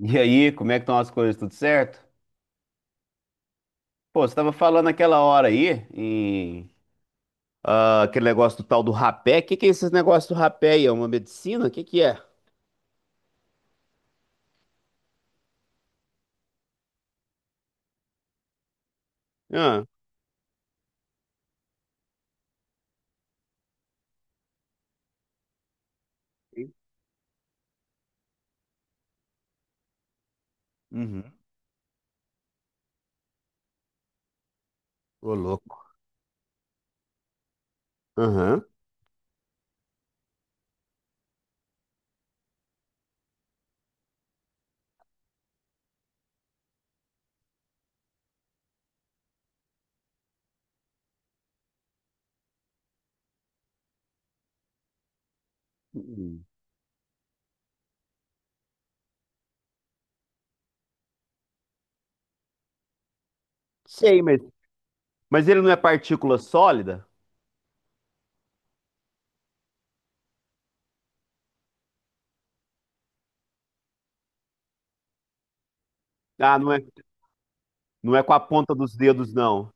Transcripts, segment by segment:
E aí, como é que estão as coisas? Tudo certo? Pô, você estava falando aquela hora aí, em, ah, aquele negócio do tal do rapé. O que que é esses negócios do rapé aí? É uma medicina? O que que é? Ah. Uhum. Ô, louco. Aham. Uhum. Sei, mas ele não é partícula sólida? Ah, não é, não é com a ponta dos dedos, não.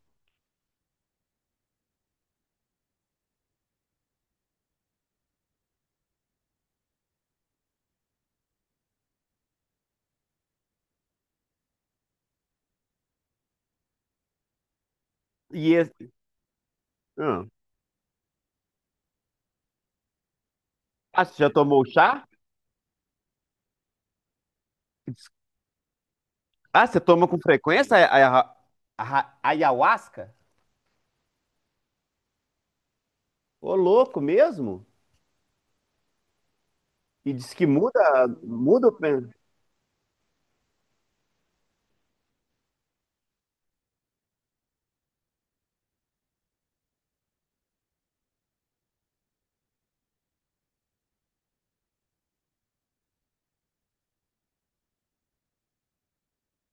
E esse... Ah. Ah, você já tomou chá? Ah, você toma com frequência ayahuasca? Ô, louco mesmo? E diz que muda, muda o...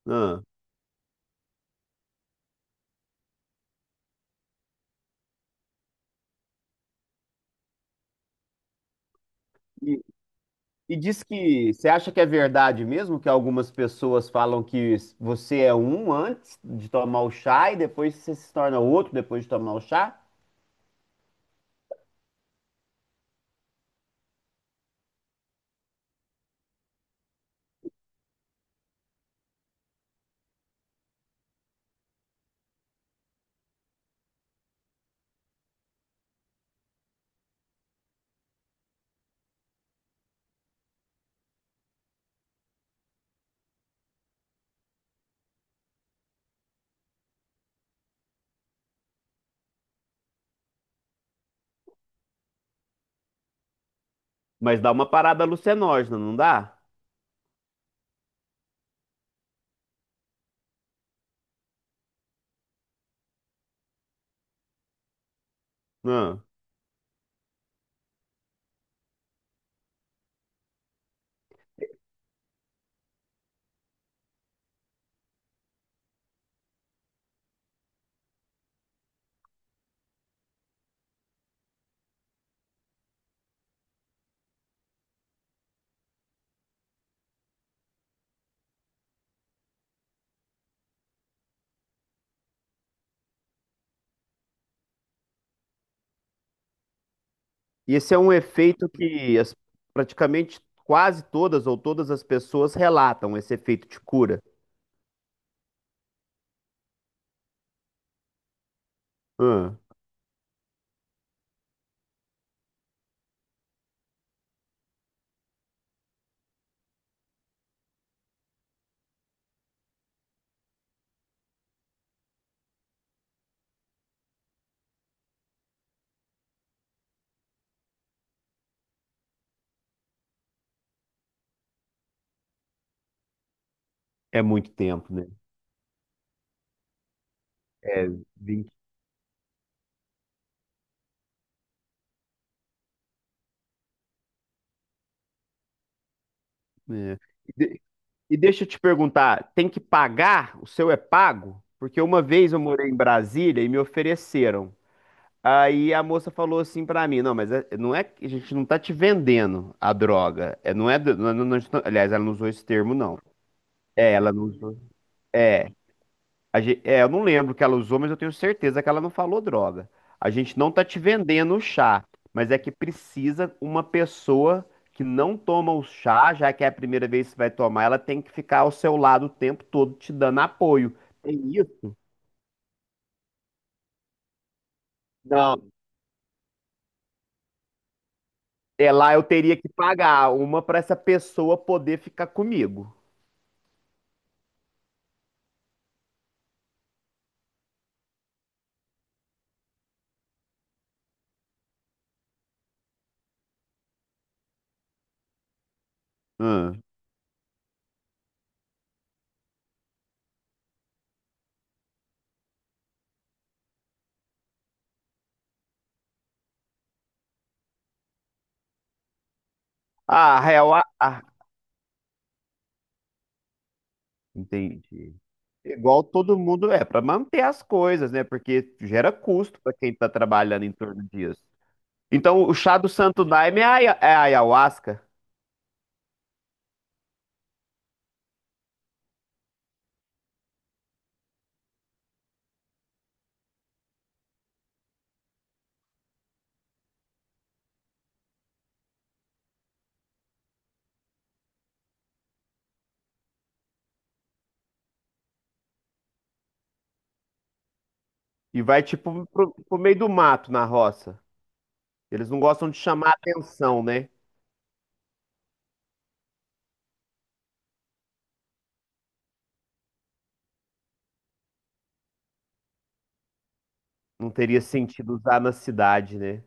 Ah. E, e diz que você acha que é verdade mesmo que algumas pessoas falam que s- você é um antes de tomar o chá e depois você se torna outro depois de tomar o chá? Mas dá uma parada alucinógena, não dá? Ah, e esse é um efeito que as- praticamente quase todas ou todas as pessoas relatam esse efeito de cura. Ah, é muito tempo, né? É 20. É. E deixa eu te perguntar, tem que pagar? O seu é pago? Porque uma vez eu morei em Brasília e me ofereceram. Aí a moça falou assim pra mim, não, mas é- não é que a gente não tá te vendendo a droga. É, não é, do- não, é, não- não- aliás, ela não usou esse termo, não. É, ela não. A gen- é, eu não lembro o que ela usou, mas eu tenho certeza que ela não falou droga. A gente não tá te vendendo o chá, mas é que precisa uma pessoa que não toma o chá, já que é a primeira vez que vai tomar, ela tem que ficar ao seu lado o tempo todo te dando apoio. Tem isso? Não. É lá eu teria que pagar uma pra essa pessoa poder ficar comigo. Hum. Ah, real, ah, ah, entendi. Igual todo mundo é, pra manter as coisas, né? Porque gera custo pra quem tá trabalhando em torno disso. Então, o chá do Santo Daime é a aia- é a ayahuasca. E vai tipo pro, pro meio do mato na roça. Eles não gostam de chamar atenção, né? Não teria sentido usar na cidade, né?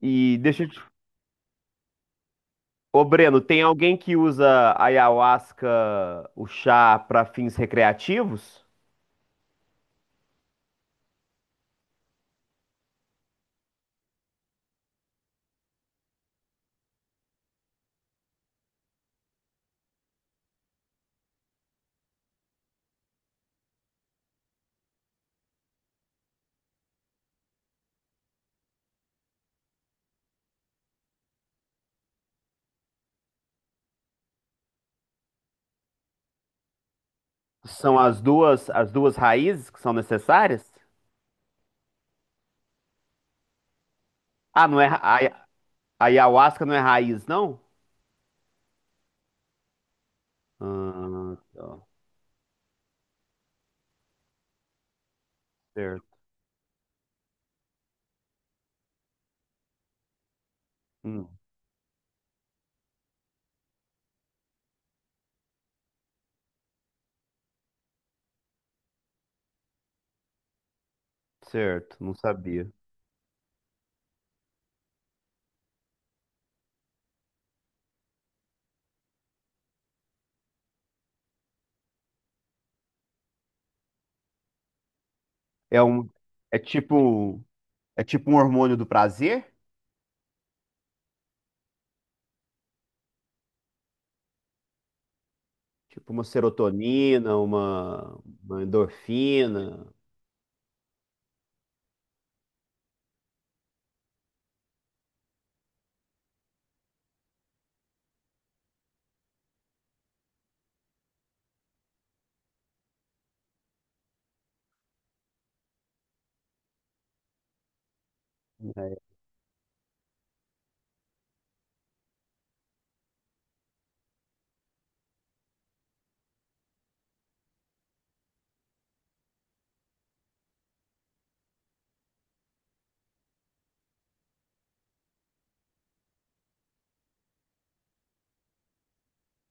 E deixa eu te... Ô, Breno, tem alguém que usa ayahuasca, o chá, para fins recreativos? São as duas raízes que são necessárias? Ah, não é ra- aia- ayahuasca não é raiz, não? Ah, tá. Certo. Hum, certo, não sabia. É um, é tipo, é tipo um hormônio do prazer, tipo uma serotonina, uma endorfina.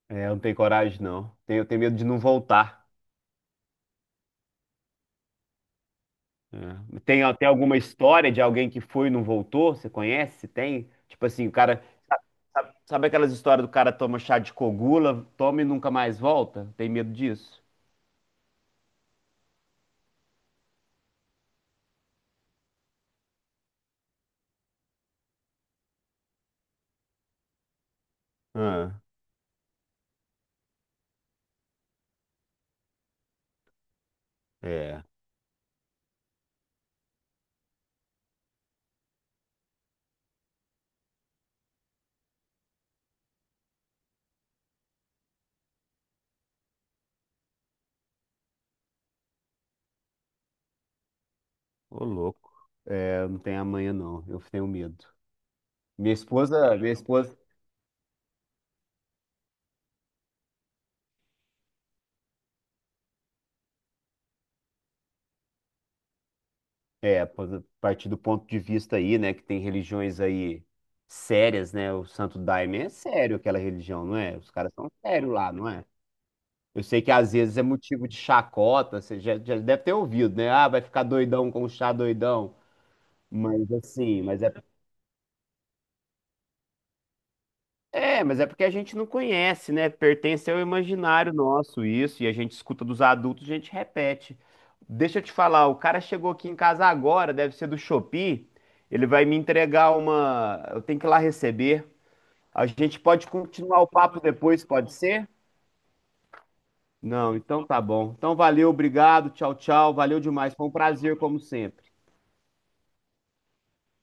É, eu não tenho coragem, não. Tenho, tenho medo de não voltar. É. Tem até alguma história de alguém que foi e não voltou? Você conhece? Tem? Tipo assim, o cara. Sabe, sabe aquelas histórias do cara toma chá de cogula, toma e nunca mais volta? Tem medo disso? Ah, é. Ô, louco. É, eu não tenho amanhã, não. Eu tenho medo. Minha esposa, minha esposa, É, pô, a partir do ponto de vista aí, né, que tem religiões aí sérias, né? O Santo Daime é sério aquela religião, não é? Os caras são sérios lá, não é? Eu sei que às vezes é motivo de chacota, você já, já deve ter ouvido, né? Ah, vai ficar doidão com o chá doidão. Mas assim, mas é É, mas é porque a gente não conhece, né? Pertence ao imaginário nosso isso, e a gente escuta dos adultos, a gente repete. Deixa eu te falar, o cara chegou aqui em casa agora, deve ser do Shopee, ele vai me entregar uma. Eu tenho que ir lá receber. A gente pode continuar o papo depois, pode ser? Não, então tá bom. Então valeu, obrigado, tchau, tchau. Valeu demais, foi um prazer, como sempre.